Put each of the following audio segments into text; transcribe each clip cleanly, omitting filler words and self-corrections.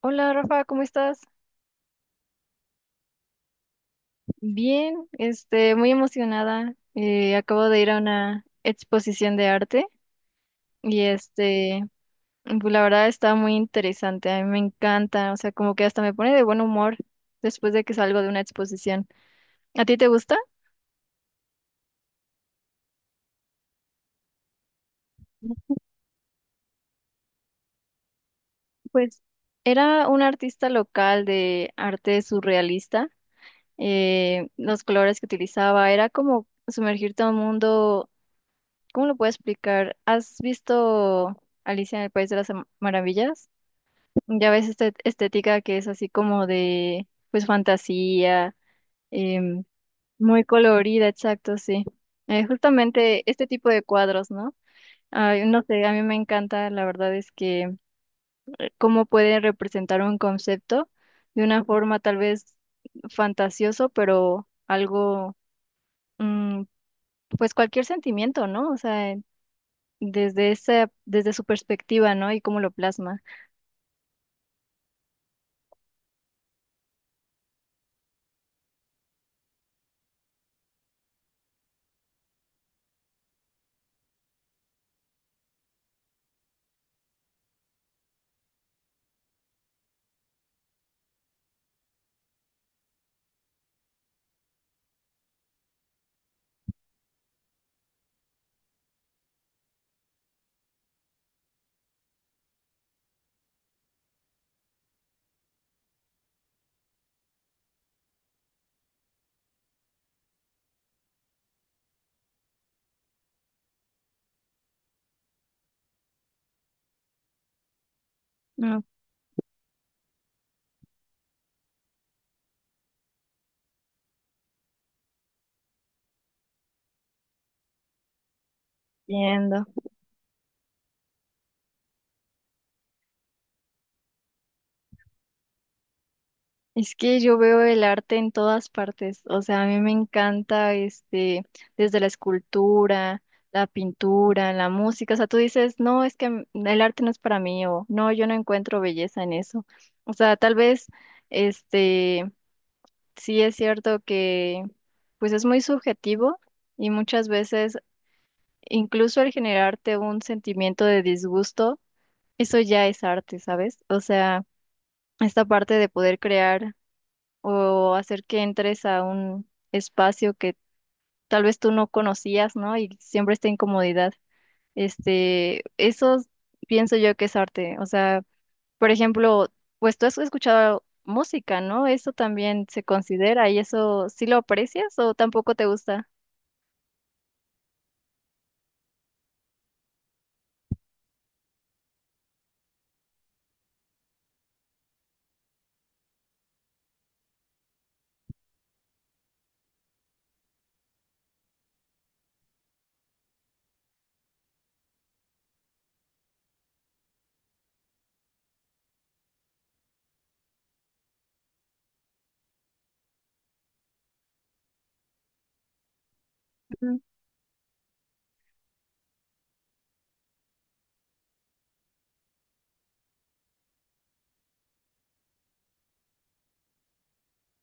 Hola Rafa, ¿cómo estás? Bien, este, muy emocionada. Acabo de ir a una exposición de arte y pues, la verdad está muy interesante. A mí me encanta, o sea, como que hasta me pone de buen humor después de que salgo de una exposición. ¿A ti te gusta? Pues era un artista local de arte surrealista. Los colores que utilizaba era como sumergirte a un mundo. ¿Cómo lo puedo explicar? ¿Has visto Alicia en el País de las Maravillas? Ya ves esta estética que es así como de, pues, fantasía, em, muy colorida, exacto, sí. Justamente este tipo de cuadros, ¿no? Ay, no sé, a mí me encanta, la verdad es que cómo puede representar un concepto de una forma tal vez fantasioso, pero algo, mm, pues cualquier sentimiento, ¿no? O sea, desde su perspectiva, ¿no? Y cómo lo plasma. No entiendo. Es que yo veo el arte en todas partes, o sea, a mí me encanta desde la escultura, la pintura, la música, o sea, tú dices, no, es que el arte no es para mí, o no, yo no encuentro belleza en eso. O sea, tal vez, este, sí es cierto que, pues es muy subjetivo y muchas veces, incluso el generarte un sentimiento de disgusto, eso ya es arte, ¿sabes? O sea, esta parte de poder crear o hacer que entres a un espacio que tal vez tú no conocías, ¿no? Y siempre esta incomodidad. Eso pienso yo que es arte. O sea, por ejemplo, pues tú has escuchado música, ¿no? Eso también se considera y eso sí lo aprecias o tampoco te gusta. Ujú.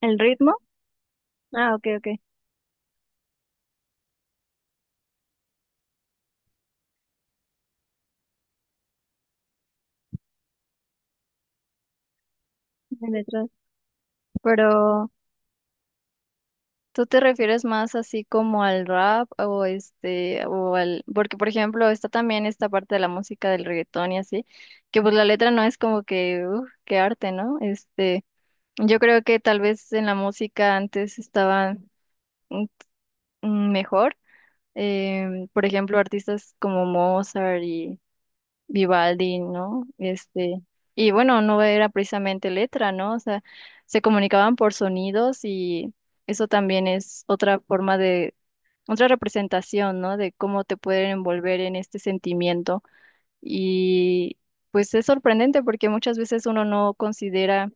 ¿El ritmo? Ah, ok, ok. De letras. Pero ¿tú te refieres más así como al rap o este o al porque por ejemplo está también esta parte de la música del reggaetón y así, que pues la letra no es como que uf, qué arte, ¿no? Yo creo que tal vez en la música antes estaban mm, mejor, por ejemplo, artistas como Mozart y Vivaldi, ¿no? Y bueno, no era precisamente letra, ¿no? O sea, se comunicaban por sonidos y eso también es otra forma de otra representación, ¿no? De cómo te pueden envolver en este sentimiento. Y pues es sorprendente porque muchas veces uno no considera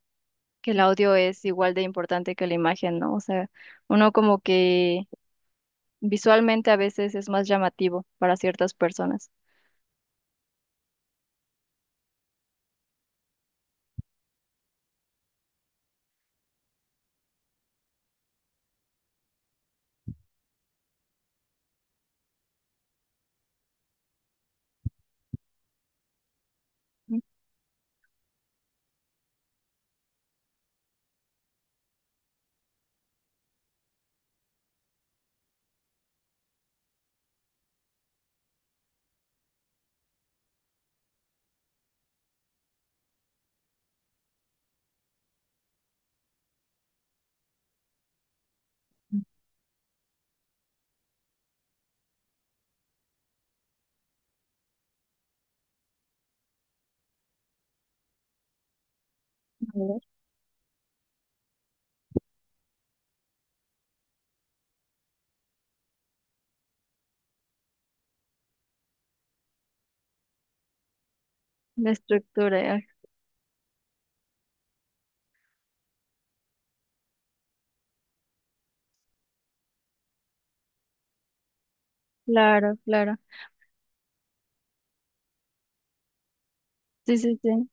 que el audio es igual de importante que la imagen, ¿no? O sea, uno como que visualmente a veces es más llamativo para ciertas personas. A la estructura, ah, claro, claro. Sí, sí, sí.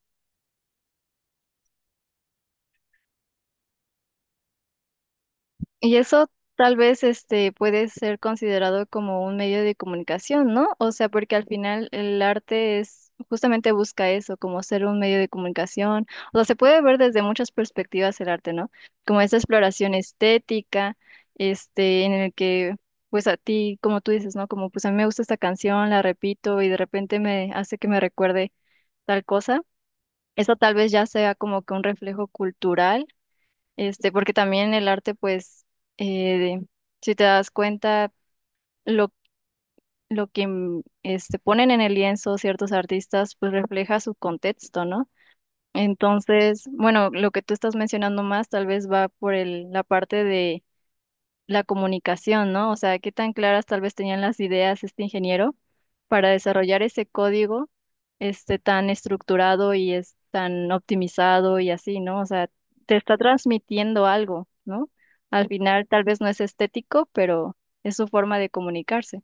Y eso tal vez puede ser considerado como un medio de comunicación, ¿no? O sea, porque al final el arte es justamente busca eso, como ser un medio de comunicación. O sea, se puede ver desde muchas perspectivas el arte, ¿no? Como esa exploración estética, en el que pues a ti, como tú dices, ¿no? Como pues a mí me gusta esta canción, la repito y de repente me hace que me recuerde tal cosa. Eso tal vez ya sea como que un reflejo cultural porque también el arte, pues, eh, de- si te das cuenta, lo, lo que ponen en el lienzo ciertos artistas, pues refleja su contexto, ¿no? Entonces, bueno, lo que tú estás mencionando más tal vez va por la parte la comunicación, ¿no? O sea, qué tan claras tal vez tenían las ideas este ingeniero para desarrollar ese código tan estructurado y es tan optimizado y así, ¿no? O sea, te está transmitiendo algo, ¿no? Al final tal vez no es estético, pero es su forma de comunicarse.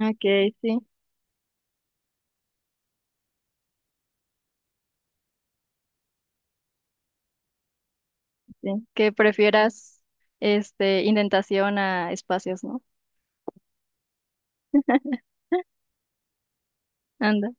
Okay, sí, sí. Que prefieras indentación a espacios, ¿no? Anda.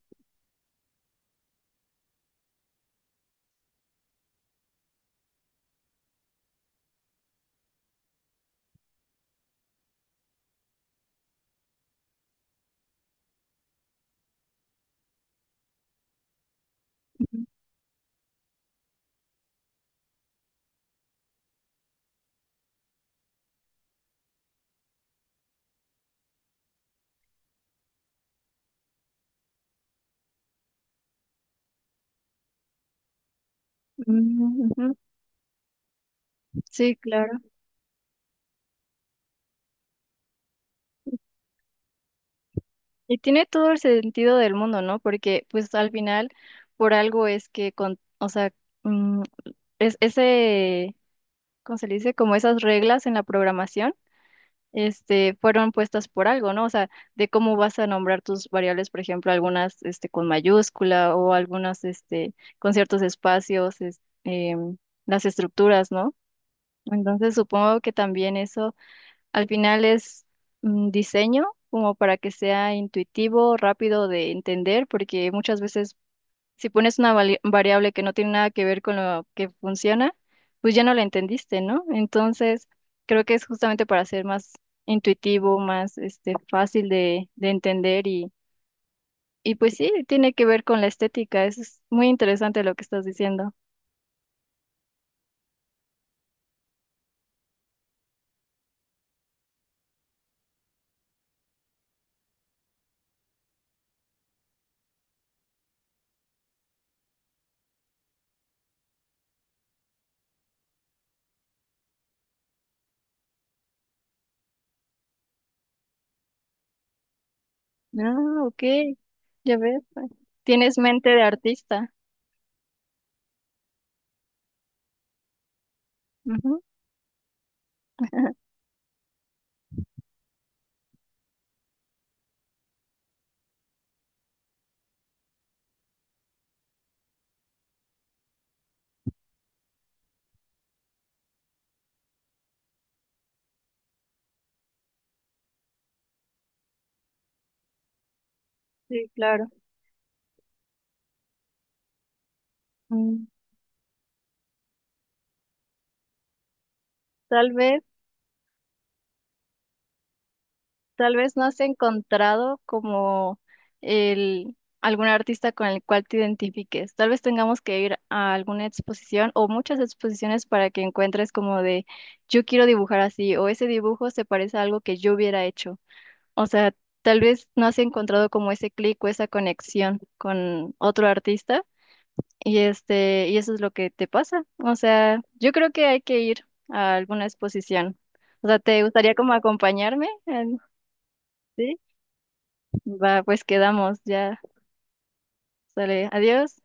Ujú. Mm, ujú. Sí, claro. Y tiene todo el sentido del mundo, ¿no? Porque pues al final por algo es que o sea, mm, es ese, ¿cómo se le dice? Como esas reglas en la programación, fueron puestas por algo, ¿no? O sea, de cómo vas a nombrar tus variables, por ejemplo, algunas, con mayúscula o algunas, con ciertos espacios, las estructuras, ¿no? Entonces supongo que también eso al final es diseño como para que sea intuitivo, rápido de entender, porque muchas veces si pones una variable que no tiene nada que ver con lo que funciona, pues ya no la entendiste, ¿no? Entonces, creo que es justamente para ser más intuitivo, más fácil de entender y pues sí, tiene que ver con la estética. Eso es muy interesante lo que estás diciendo. Ah, ok, ya ves. Pues, tienes mente de artista. Ujú, sí, claro. Tal vez, tal vez no has encontrado como algún artista con el cual te identifiques. Tal vez tengamos que ir a alguna exposición o muchas exposiciones para que encuentres como de yo quiero dibujar así o ese dibujo se parece a algo que yo hubiera hecho. O sea, tal vez no has encontrado como ese clic o esa conexión con otro artista y y eso es lo que te pasa. O sea, yo creo que hay que ir a alguna exposición. O sea, ¿te gustaría como acompañarme? Sí, va, pues quedamos, ya, sale, adiós.